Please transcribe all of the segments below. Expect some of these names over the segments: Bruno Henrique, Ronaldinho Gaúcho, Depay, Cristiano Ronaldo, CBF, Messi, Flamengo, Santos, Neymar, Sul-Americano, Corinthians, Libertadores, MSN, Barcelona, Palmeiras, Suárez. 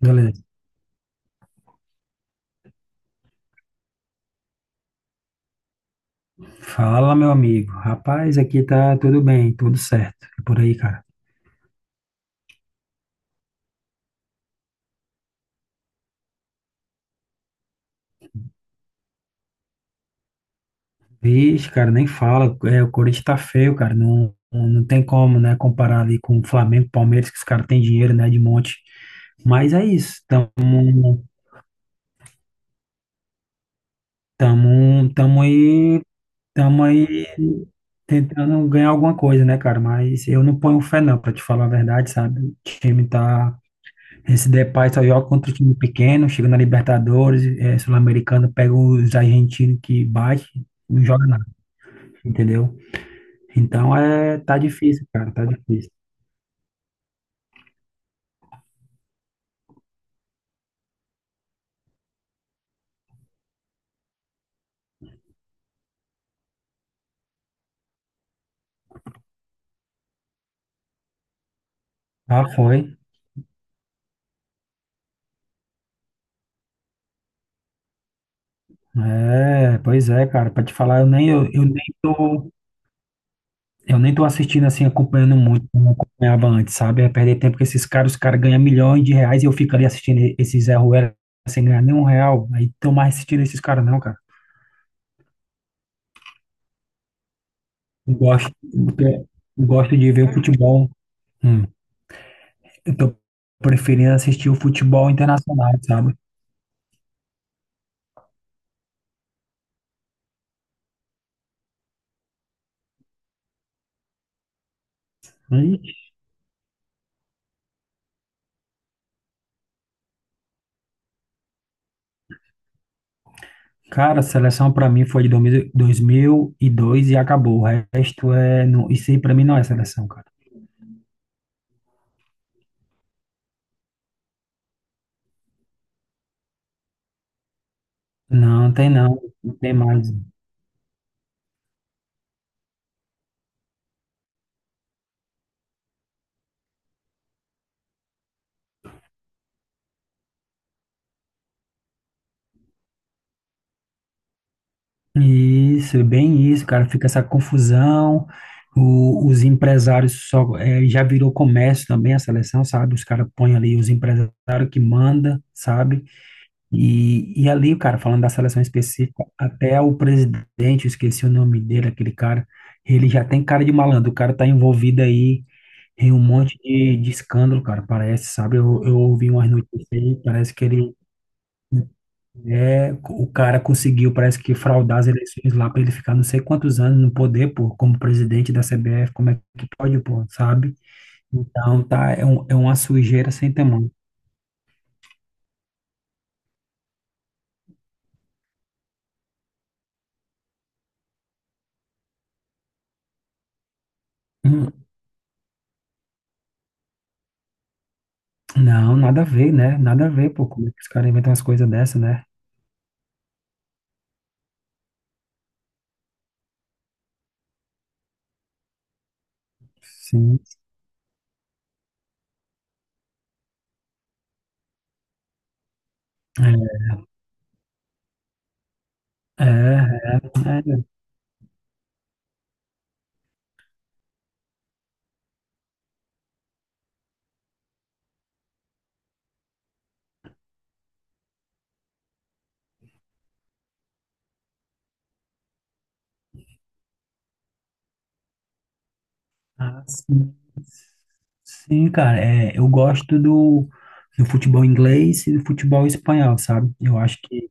Beleza. Fala, meu amigo. Rapaz, aqui tá tudo bem, tudo certo. E por aí, cara. Vixe, cara, nem fala. É, o Corinthians tá feio, cara. Não, não tem como, né, comparar ali com o Flamengo, Palmeiras, que os caras têm dinheiro, né, de monte. Mas é isso. Tamo, tamo aí, tamo aí tentando ganhar alguma coisa, né, cara? Mas eu não ponho fé, não, pra te falar a verdade, sabe? O time tá Esse Depay só joga contra o time pequeno, chega na Libertadores, Sul-Americano, pega os argentinos que bate, não joga nada, entendeu? Então tá difícil, cara, tá difícil. Ah, foi. É, pois é, cara, pra te falar, eu nem tô assistindo assim, acompanhando muito, como acompanhava antes, sabe? É perder tempo com esses caras, os caras ganham milhões de reais e eu fico ali assistindo esses Zé Ruela sem ganhar nenhum real. Aí tô mais assistindo esses caras não, cara. Eu gosto, eu gosto de ver o futebol. Hum. Eu tô preferindo assistir o futebol internacional, sabe? Aí, cara, a seleção pra mim foi de 2000 2002 e dois e acabou. O resto é. Não, isso aí pra mim não é seleção, cara. Não, tem não. Não tem mais. Isso, é bem isso, cara. Fica essa confusão. Os empresários só. Já virou comércio também a seleção, sabe? Os caras põem ali os empresários que manda, sabe? E ali, cara, falando da seleção específica, até o presidente, eu esqueci o nome dele, aquele cara, ele já tem cara de malandro, o cara tá envolvido aí em um monte de escândalo, cara, parece, sabe? Eu ouvi umas notícias aí, parece que o cara conseguiu, parece que fraudar as eleições lá pra ele ficar não sei quantos anos no poder, pô, como presidente da CBF, como é que pode, pô, sabe? Então, tá, é uma sujeira sem tamanho. Hum. Não, nada a ver, né? Nada a ver, pô. Como é que os caras inventam umas coisas dessa, né? Sim, é, é, é, é. Ah, sim, sim, cara, eu gosto do futebol inglês e do futebol espanhol, sabe? Eu acho que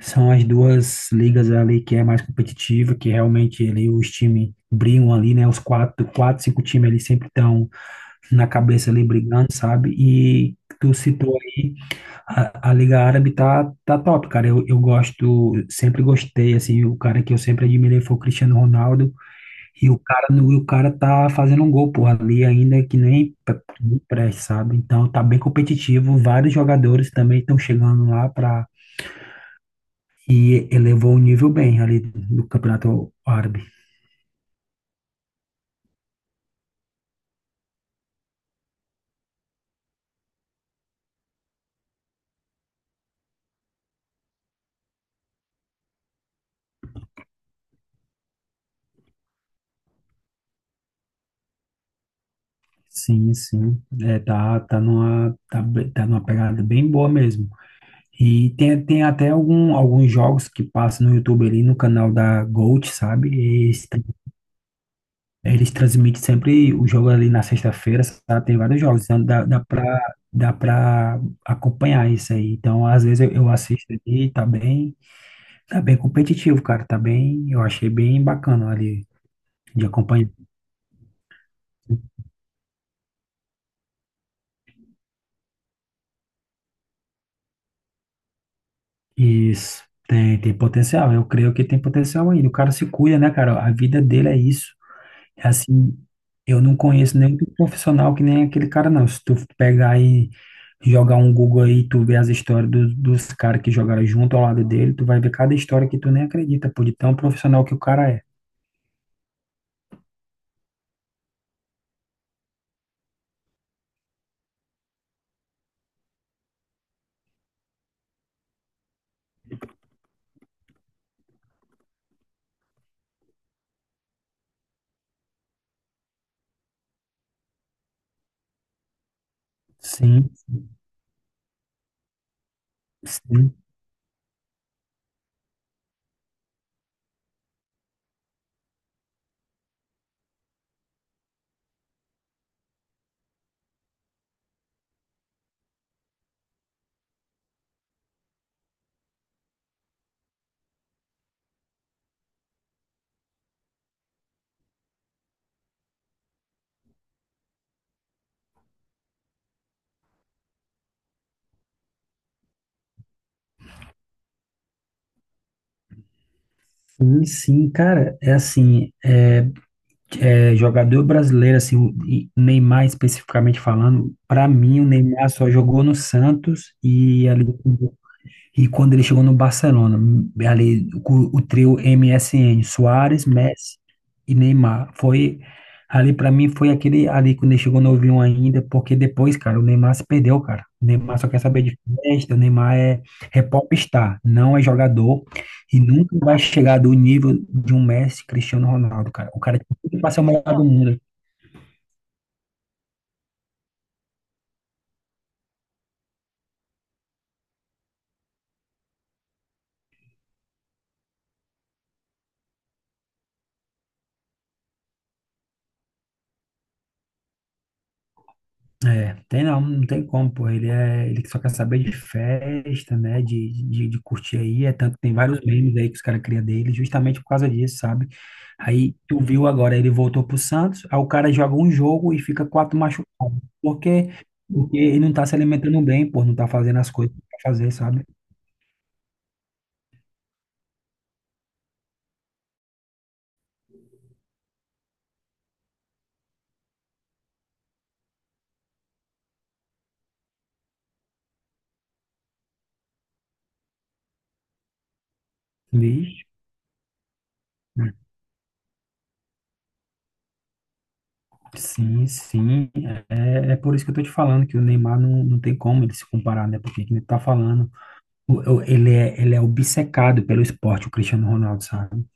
são as duas ligas ali que é mais competitiva, que realmente ali os times brigam ali, né? Os quatro, quatro, cinco times ali sempre estão na cabeça ali brigando, sabe? E tu citou aí, a Liga Árabe tá top, cara, eu gosto, sempre gostei, assim, o cara que eu sempre admirei foi o Cristiano Ronaldo. E o cara tá fazendo um gol, pô, ali ainda que nem nem preste, sabe? Então tá bem competitivo. Vários jogadores também estão chegando lá para e elevou o nível bem ali do Campeonato Árabe. Sim, sim. É, tá numa pegada bem boa mesmo. E tem até alguns jogos que passam no YouTube ali no canal da Gold, sabe? E eles É, eles transmitem sempre o jogo ali na sexta-feira, sabe? Tem vários jogos, então dá pra acompanhar isso aí. Então, às vezes eu assisto ali, tá bem competitivo, cara, tá bem, eu achei bem bacana ali de acompanhar. Isso, tem potencial, eu creio que tem potencial ainda. O cara se cuida, né, cara? A vida dele é isso. Assim, eu não conheço nenhum profissional que nem aquele cara, não. Se tu pegar e jogar um Google aí, tu vê as histórias dos caras que jogaram junto ao lado dele, tu vai ver cada história que tu nem acredita, pô, de tão profissional que o cara é. Sim, sim, sim, sim, cara, é assim, é jogador brasileiro, assim, o e Neymar especificamente falando, pra mim o Neymar só jogou no Santos. E quando ele chegou no Barcelona, ali o trio MSN Suárez, Messi e Neymar, foi ali para mim foi aquele ali quando ele chegou novinho ainda, porque depois, cara, o Neymar se perdeu, cara. O Neymar só quer saber de festa, o Neymar é popstar, não é jogador e nunca vai chegar do nível de um Messi, Cristiano Ronaldo, cara. O cara tem que passar o melhor do mundo. É, tem não, não tem como, pô. Ele só quer saber de festa, né? De curtir aí. É tanto, tem vários memes aí que os caras criam dele, justamente por causa disso, sabe? Aí tu viu agora, ele voltou pro Santos, aí o cara joga um jogo e fica quatro machucados. Por quê? Porque ele não tá se alimentando bem, pô, não tá fazendo as coisas pra fazer, sabe? Vixe. Sim, sim. É por isso que eu tô te falando que o Neymar não, não tem como ele se comparar, né? Porque que nem tu tá falando. Ele é obcecado pelo esporte, o Cristiano Ronaldo, sabe?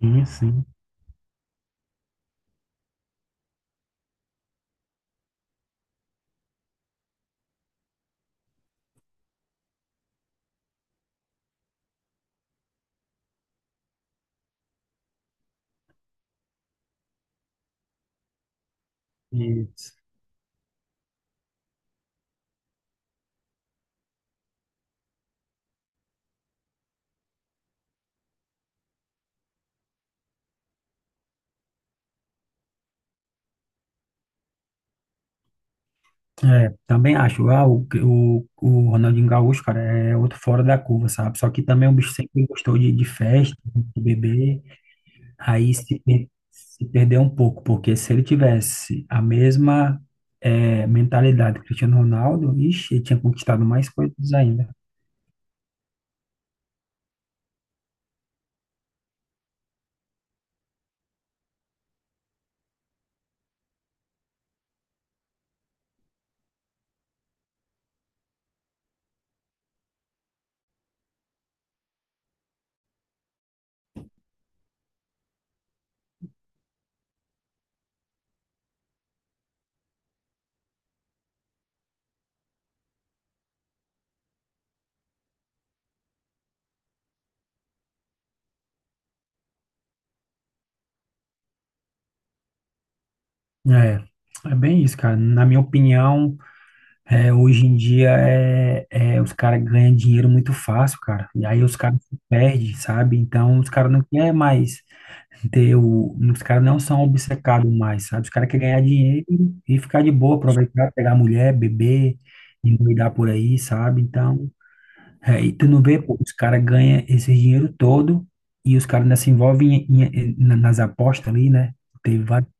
Sim, sim. E É, também acho. Ah, o Ronaldinho Gaúcho, cara, é outro fora da curva, sabe? Só que também o bicho que sempre gostou de festa, de beber. Aí se perdeu um pouco, porque se ele tivesse a mesma mentalidade do Cristiano Ronaldo, ixi, ele tinha conquistado mais coisas ainda. É, é bem isso, cara. Na minha opinião, hoje em dia os caras ganham dinheiro muito fácil, cara. E aí os caras se perdem, sabe? Então os caras não querem mais ter o. Os caras não são obcecados mais, sabe? Os caras querem ganhar dinheiro e ficar de boa, aproveitar, pegar mulher, beber, endoidar por aí, sabe? Então, e tu não vê, pô, os caras ganham esse dinheiro todo e os caras ainda se envolvem nas apostas ali, né? Teve vários.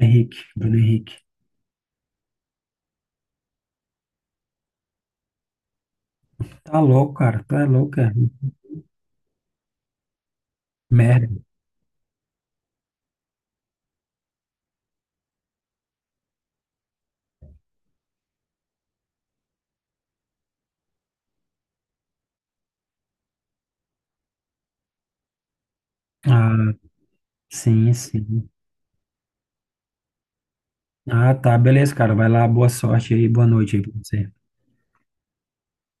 Bruno Henrique. Tá louco, cara. Tá louco, cara. Merda. Ah, sim, sim. Ah, tá, beleza, cara. Vai lá, boa sorte aí, boa noite aí pra você.